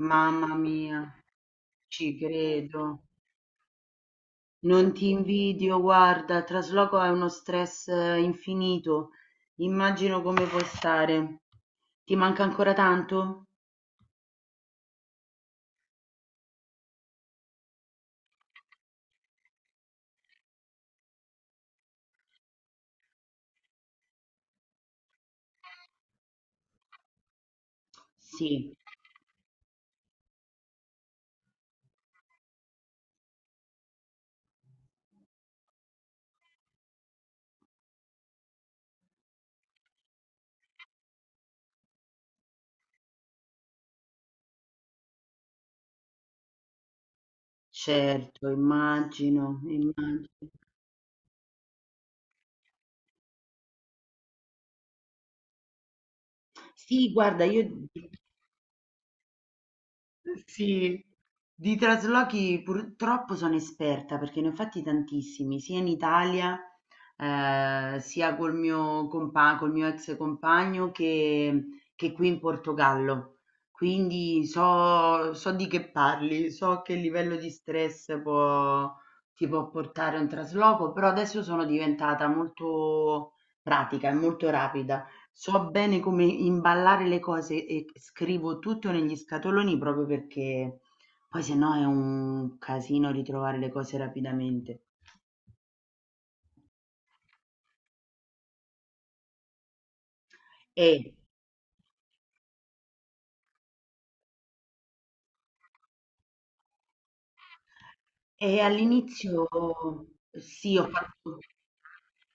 Mamma mia, ci credo. Non ti invidio, guarda, il trasloco è uno stress infinito. Immagino come puoi stare. Ti manca ancora tanto? Sì, certo, immagino, immagino. Sì, guarda, io Sì, di traslochi purtroppo sono esperta perché ne ho fatti tantissimi, sia in Italia, sia col mio col mio ex compagno che, qui in Portogallo. Quindi so di che parli, so che livello di stress ti può portare un trasloco, però adesso sono diventata molto pratica e molto rapida. So bene come imballare le cose e scrivo tutto negli scatoloni proprio perché poi se no è un casino ritrovare le cose rapidamente. E E all'inizio sì, ho fatto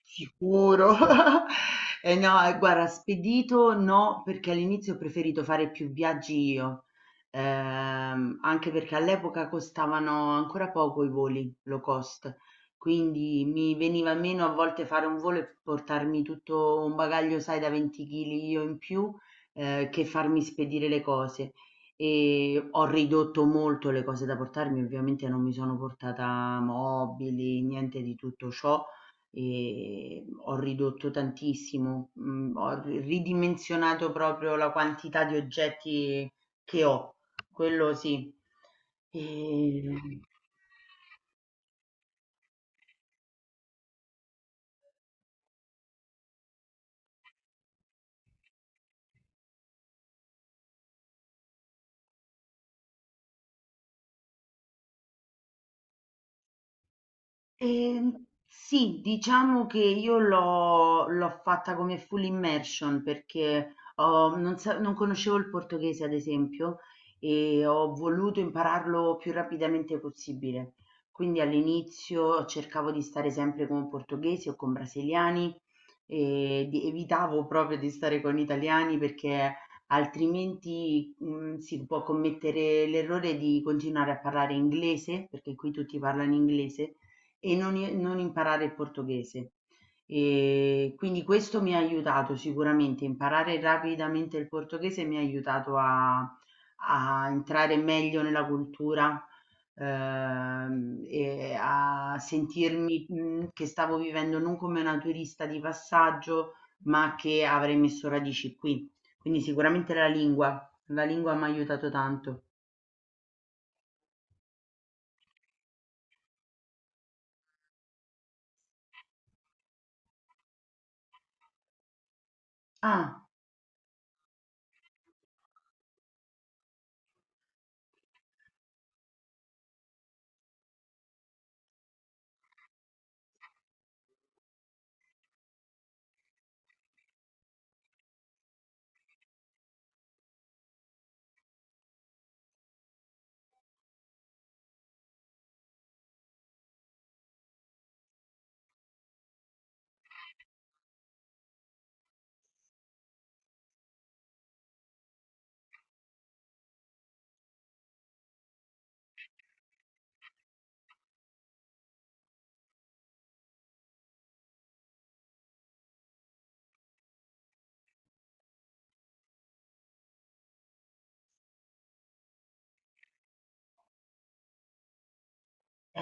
sicuro. E no, e guarda, spedito no, perché all'inizio ho preferito fare più viaggi io, anche perché all'epoca costavano ancora poco i voli low cost, quindi mi veniva meno a volte fare un volo e portarmi tutto un bagaglio, sai, da 20 kg io in più, che farmi spedire le cose. E ho ridotto molto le cose da portarmi, ovviamente non mi sono portata mobili, niente di tutto ciò, e ho ridotto tantissimo, ho ri ridimensionato proprio la quantità di oggetti che ho, quello sì. Ehm Ehm, sì, diciamo che io l'ho fatta come full immersion perché non conoscevo il portoghese, ad esempio, e ho voluto impararlo più rapidamente possibile. Quindi all'inizio cercavo di stare sempre con portoghesi o con brasiliani e evitavo proprio di stare con italiani perché altrimenti si può commettere l'errore di continuare a parlare inglese, perché qui tutti parlano inglese e non imparare il portoghese. Quindi questo mi ha aiutato sicuramente, imparare rapidamente il portoghese mi ha aiutato a entrare meglio nella cultura, e a sentirmi, che stavo vivendo non come una turista di passaggio, ma che avrei messo radici qui. Quindi sicuramente la lingua m'ha aiutato tanto. Ah,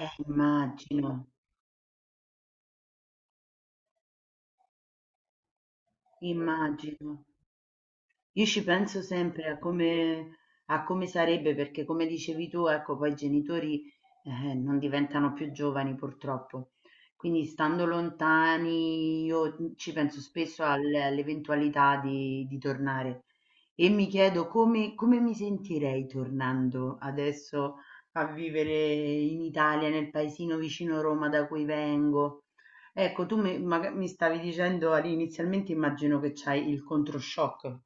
immagino, immagino. Io ci penso sempre a come sarebbe, perché come dicevi tu, ecco, poi i genitori non diventano più giovani purtroppo. Quindi stando lontani, io ci penso spesso all'eventualità di tornare e mi chiedo come, come mi sentirei tornando adesso a vivere in Italia, nel paesino vicino Roma da cui vengo. Ecco, mi stavi dicendo all'inizialmente, immagino che c'hai il controshock.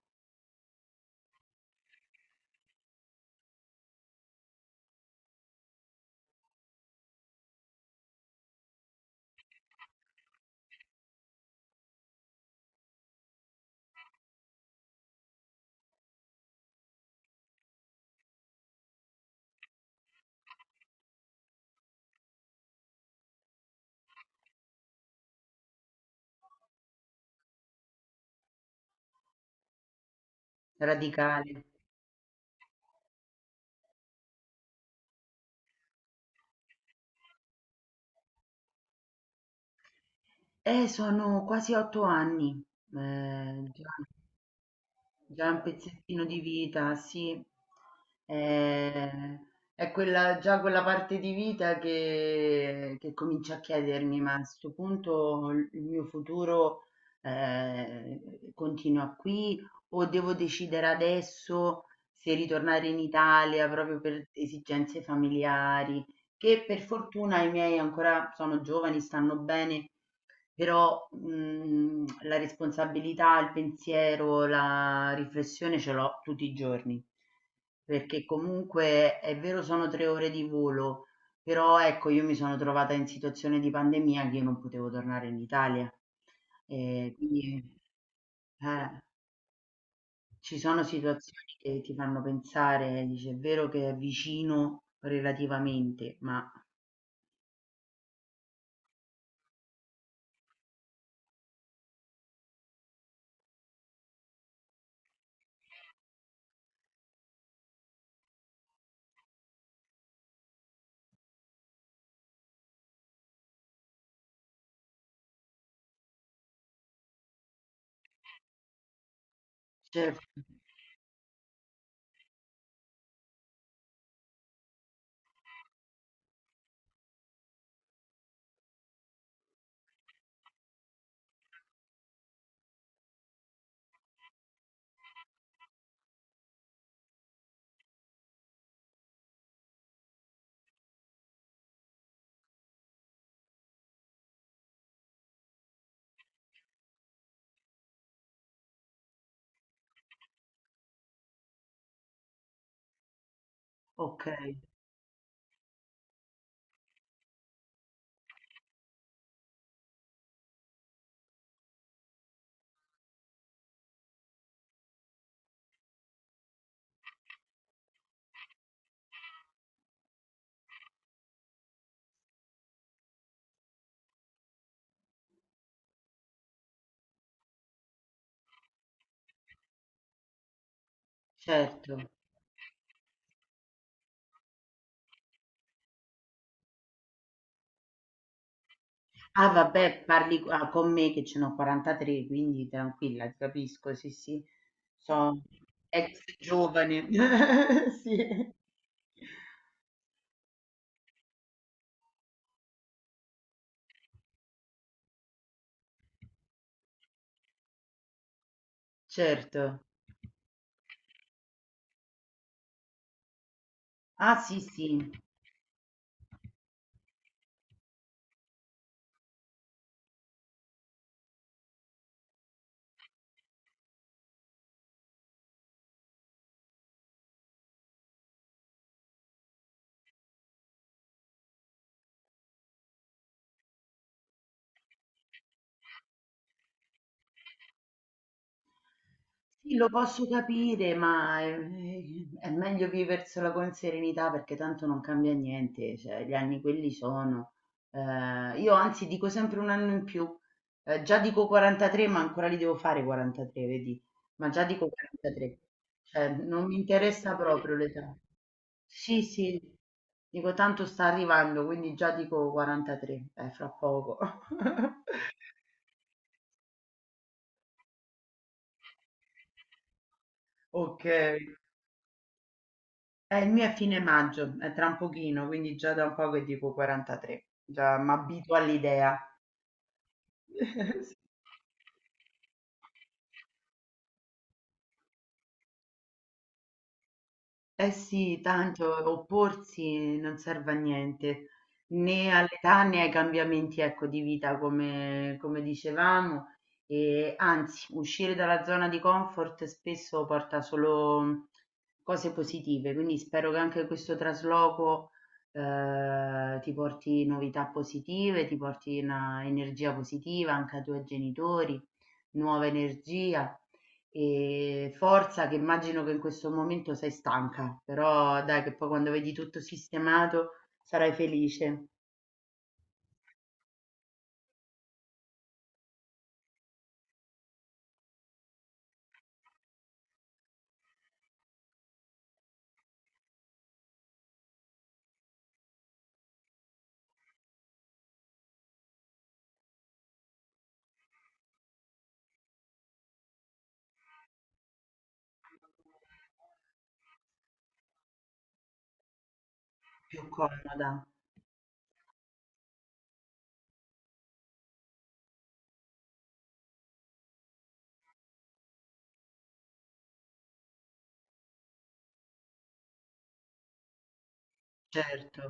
Radicale. Sono quasi 8 anni, già, già un pezzettino di vita, sì. Eh, è quella, già quella parte di vita che, comincia a chiedermi, ma a questo punto il mio futuro eh, continua qui o devo decidere adesso se ritornare in Italia proprio per esigenze familiari, che per fortuna i miei ancora sono giovani, stanno bene. Però, la responsabilità, il pensiero, la riflessione ce l'ho tutti i giorni, perché comunque è vero sono 3 ore di volo, però ecco io mi sono trovata in situazione di pandemia che io non potevo tornare in Italia. Quindi eh, ci sono situazioni che ti fanno pensare, dici: "È vero che è vicino relativamente, ma". Certo, okay, certo. Ah vabbè, parli ah, con me che ce n'ho 43, quindi tranquilla, ti capisco, sì sì, sono ex giovane. Sì, certo. Ah sì sì, sì, lo posso capire, ma è meglio viversela con serenità perché tanto non cambia niente, cioè gli anni quelli sono. Io anzi dico sempre un anno in più. Già dico 43, ma ancora li devo fare 43, vedi? Ma già dico 43, cioè non mi interessa proprio l'età. Sì, sì, dico tanto sta arrivando, quindi già dico 43, fra poco. Ok. Il mio è fine maggio, è tra un pochino, quindi già da un po' che dico 43, già m'abituo all'idea. Eh sì, tanto opporsi non serve a niente, né all'età né ai cambiamenti, ecco, di vita, come, come dicevamo, e anzi, uscire dalla zona di comfort spesso porta solo cose positive, quindi spero che anche questo trasloco ti porti novità positive, ti porti una energia positiva anche ai tuoi genitori, nuova energia. E forza che immagino che in questo momento sei stanca, però dai che poi quando vedi tutto sistemato sarai felice, più comoda, certo.